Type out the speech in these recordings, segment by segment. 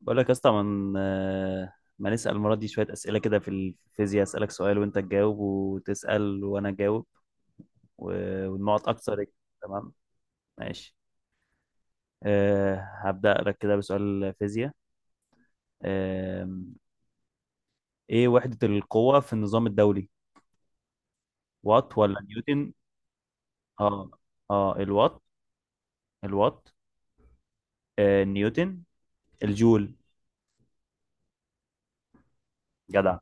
بقول لك يا اسطى ما نسأل المرة دي شوية أسئلة كده في الفيزياء. أسألك سؤال وأنت تجاوب، وتسأل وأنا أجاوب. والنقط أكتر. تمام، ماشي. أه، هبدأ لك كده بسؤال فيزياء. أه، إيه وحدة القوة في النظام الدولي؟ وات ولا نيوتن؟ اه، اه الوات. الوات، أه، نيوتن، الجول. جدع.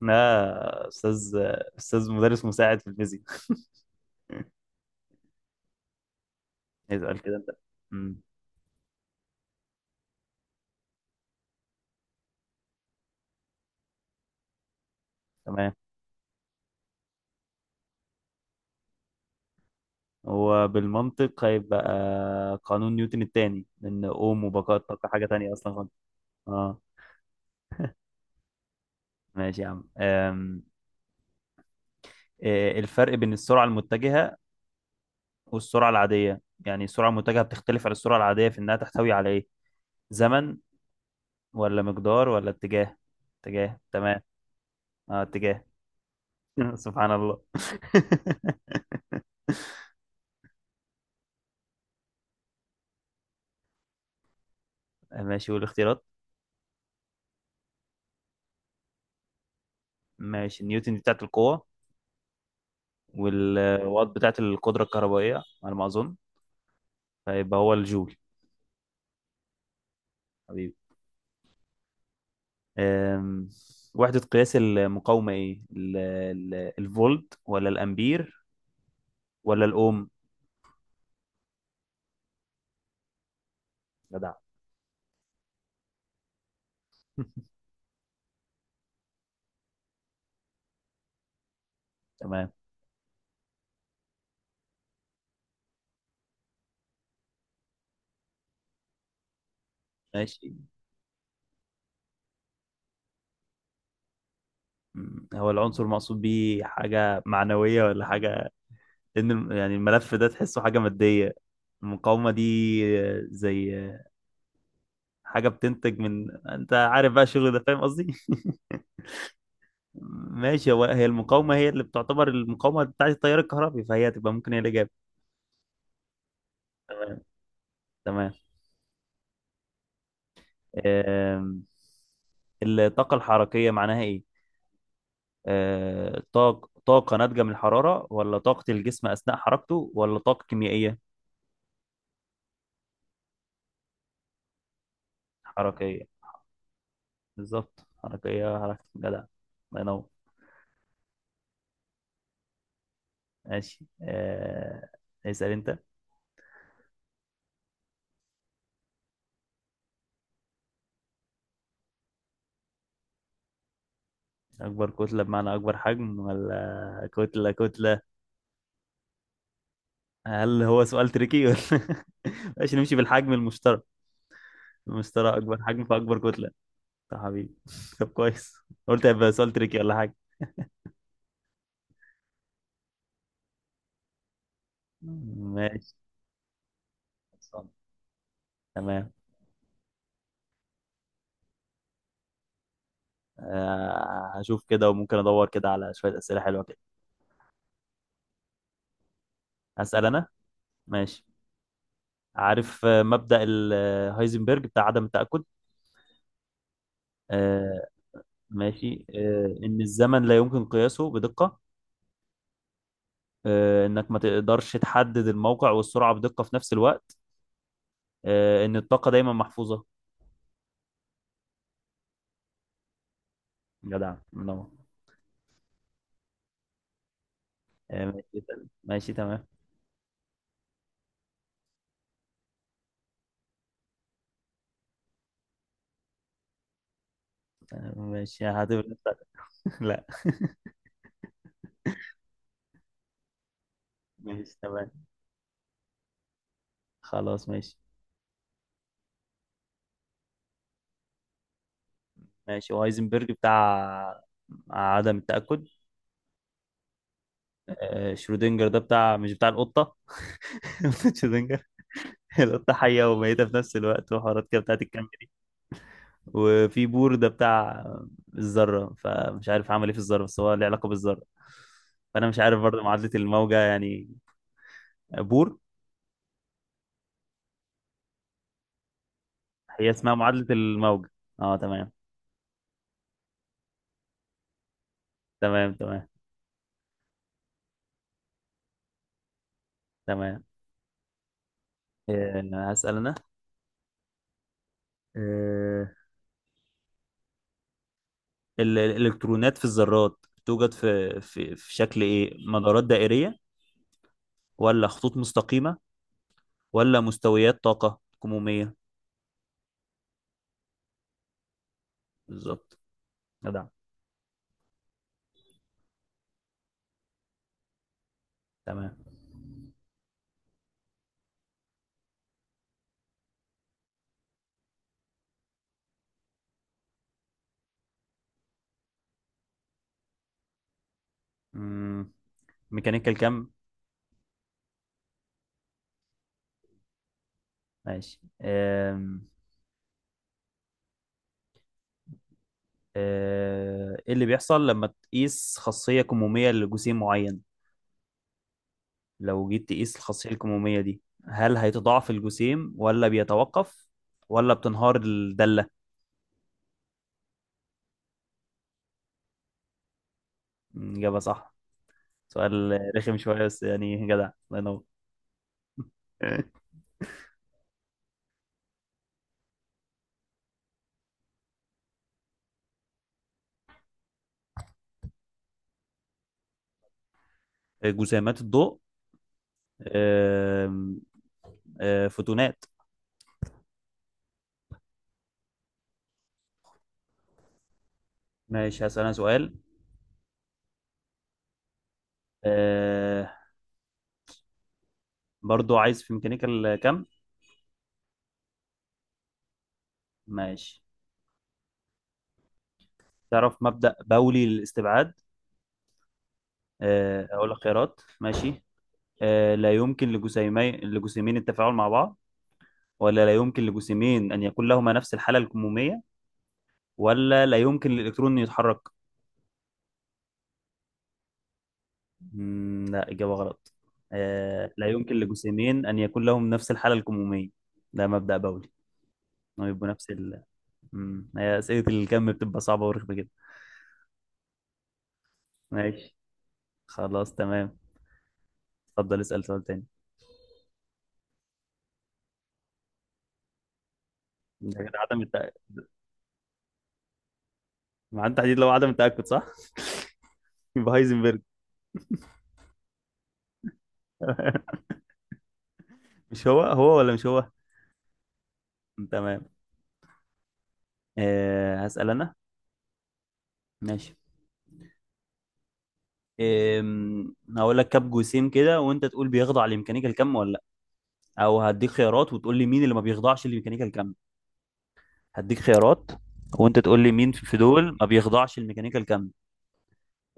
لا، أستاذ. أستاذ مدرس مساعد في الفيزياء. اسأل كده أنت. مم، تمام. هو بالمنطق هيبقى قانون نيوتن الثاني، لأن أوم وبقاء الطاقة حاجة تانية أصلا خالص. اه. ماشي يا عم. إيه الفرق بين السرعة المتجهة والسرعة العادية؟ يعني السرعة المتجهة بتختلف عن السرعة العادية في إنها تحتوي على إيه؟ زمن ولا مقدار ولا اتجاه؟ اتجاه، تمام. اه، اتجاه. سبحان الله. ماشي، والاختيارات؟ ماشي، نيوتن دي بتاعت القوة، والوات بتاعت القدرة الكهربائية على ما أظن، فيبقى هو الجول. حبيبي. أم، وحدة قياس المقاومة ايه؟ الفولت ولا الامبير ولا الاوم؟ جدع. تمام، ماشي. أمم، هو العنصر المقصود بيه حاجة معنوية ولا حاجة؟ لأن يعني الملف ده تحسه حاجة مادية. المقاومة دي، زي حاجة بتنتج من أنت عارف بقى الشغل ده، فاهم قصدي؟ ماشي، هي المقاومة هي اللي بتعتبر المقاومة بتاعت التيار الكهربي، فهي هتبقى ممكن هي الإجابة. تمام. آم، الطاقة الحركية معناها إيه؟ آه، طاقة ناتجة من الحرارة، ولا طاقة الجسم أثناء حركته، ولا طاقة كيميائية؟ حركية. بالظبط حركية، حركة. جدع، الله ينور. ماشي، آه، اسأل أنت. أكبر كتلة بمعنى أكبر حجم، ولا كتلة كتلة؟ هل هو سؤال تريكي ولا ماشي، نمشي بالحجم المشترك. المشترك أكبر حجم، فأكبر كتلة. طب حبيبي طب كويس. قلت هيبقى سؤال تريكي ولا حاجة. ماشي، خلصان. تمام. آه، هشوف كده، وممكن ادور كده على شويه اسئله حلوه كده. هسال انا. ماشي. عارف مبدا هايزنبرج بتاع عدم التاكد؟ آه، ماشي، آه، ان الزمن لا يمكن قياسه بدقه، آه، انك ما تقدرش تحدد الموقع والسرعه بدقه في نفس الوقت، آه، ان الطاقه دايما محفوظه. جدع، منور. آه، ماشي. ماشي، تمام. آه، ماشي، هعتبر نفسك. لا. ماشي، تمام، خلاص، ماشي. ماشي، وهايزنبرج بتاع عدم التاكد. آه، شرودنجر ده بتاع، مش بتاع القطة؟ شرودنجر. القطة حية وميتة في نفس الوقت، وحوارات كده بتاعت الكم دي. وفي بور ده بتاع الذرة، فمش عارف عمل ايه في الذرة، بس هو له علاقة بالذرة. فأنا مش عارف برضه معادلة الموجة يعني. بور. هي اسمها معادلة الموجة؟ اه تمام. تمام، تمام، تمام. آه، هسأل أنا. آه، الإلكترونات في الذرات توجد في شكل ايه؟ مدارات دائرية، ولا خطوط مستقيمة، ولا مستويات طاقة كمومية؟ بالظبط. جدع. تمام. مم، ميكانيكال كم. ماشي. أم، أه، ايه اللي بيحصل لما تقيس خاصية كمومية لجسيم معين؟ لو جيت تقيس الخاصية الكمومية دي، هل هيتضاعف الجسيم، ولا بيتوقف، ولا بتنهار الدالة؟ مم، إجابة صح. سؤال رخم شوية بس يعني جدع. الله ينور. جسيمات الضوء. أم، أه، فوتونات. ماشي، هسأل أنا سؤال. آه، برضو عايز في ميكانيكال كم. ماشي. تعرف مبدأ بولي للاستبعاد؟ آه، أقول لك خيارات، ماشي. آه، لا يمكن لجسيمين التفاعل مع بعض، ولا لا يمكن لجسيمين أن يكون لهما نفس الحالة الكمومية، ولا لا يمكن للإلكترون أن يتحرك. مم، لا، إجابة غلط. آه، لا يمكن لجسيمين أن يكون لهم نفس الحالة الكمومية. ده مبدأ بولي، إنهم يبقوا نفس ال. مم، هي أسئلة الكم بتبقى صعبة ورخمة كده. ماشي، خلاص، تمام. اتفضل، اسأل سؤال تاني. ده كده عدم التأكد مع التحديد، لو عدم التأكد صح؟ يبقى هايزنبرج. مش هو، هو ولا مش هو؟ تمام. أه، هسأل أنا. ماشي. أم، هقول لك كام جسيم كده وانت تقول بيخضع لميكانيكا كم ولا لا. او هديك خيارات وتقول لي مين اللي ما بيخضعش لميكانيكا كم. هديك خيارات، وانت تقول لي مين في دول ما بيخضعش لميكانيكا كم.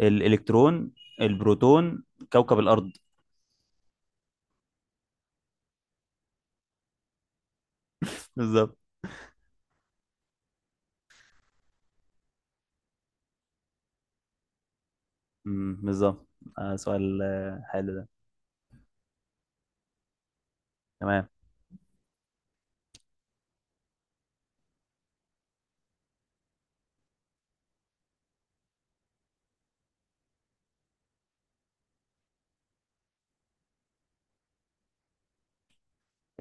الالكترون، البروتون، كوكب الارض. بالظبط. مم، بالظبط. آه، سؤال حلو ده. تمام.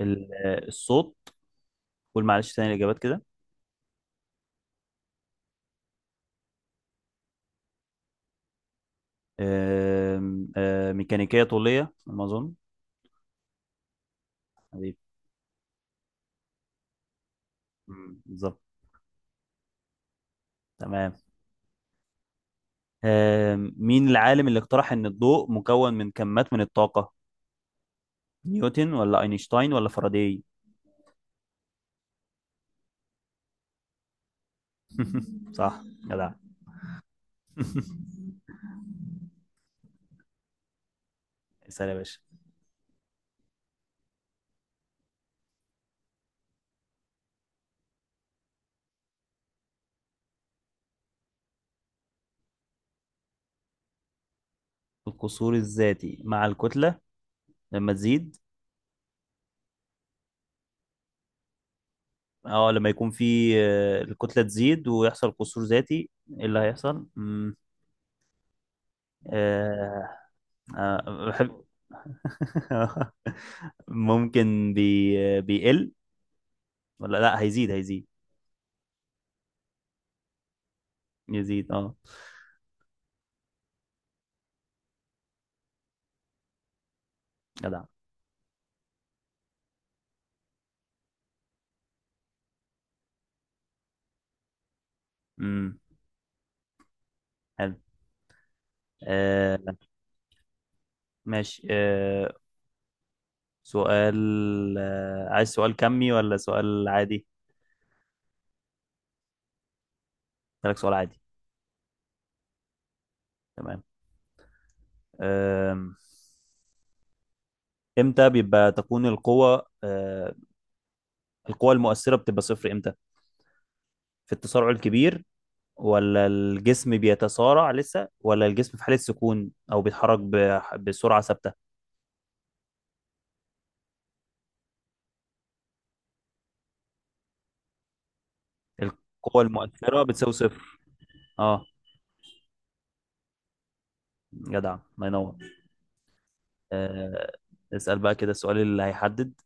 الصوت. قول معلش تاني الاجابات كده. آم، ميكانيكية طولية على ما أظن. أيوة. مم، بالظبط. تمام. آم، مين العالم اللي اقترح إن الضوء مكون من كمات من الطاقة؟ نيوتن ولا أينشتاين ولا فاراداي؟ صح، جدع. اسأل يا باشا. القصور الذاتي مع الكتلة، لما تزيد. اه، لما يكون في الكتلة تزيد ويحصل قصور ذاتي، ايه اللي هيحصل؟ مم. آه. آه، بحب. ممكن بي آه، بيقل، ولا لا، هيزيد، هيزيد. يزيد، اه. جدع. امم. حلو. آه، ماشي. آه، سؤال. آه، عايز سؤال كمي ولا سؤال عادي؟ لك سؤال عادي. تمام. آم، امتى بيبقى تكون القوة آه، القوة المؤثرة بتبقى صفر امتى؟ في التسارع الكبير، ولا الجسم بيتسارع لسه، ولا الجسم في حالة سكون او بيتحرك بسرعة ثابتة؟ القوة المؤثرة بتساوي صفر. اه. جدع، الله ينور. آه، اسأل بقى كده السؤال اللي هيحدد.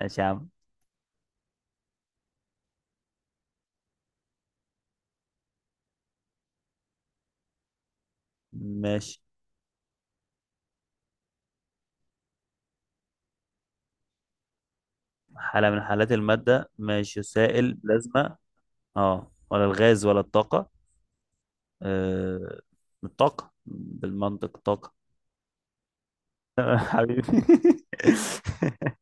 ماشي يا عم. ماشي، حالة من حالات المادة. ماشي، سائل، بلازما. اه، ولا الغاز ولا الطاقة. آه، الطاقة بالمنطق، طاقة. حبيبي.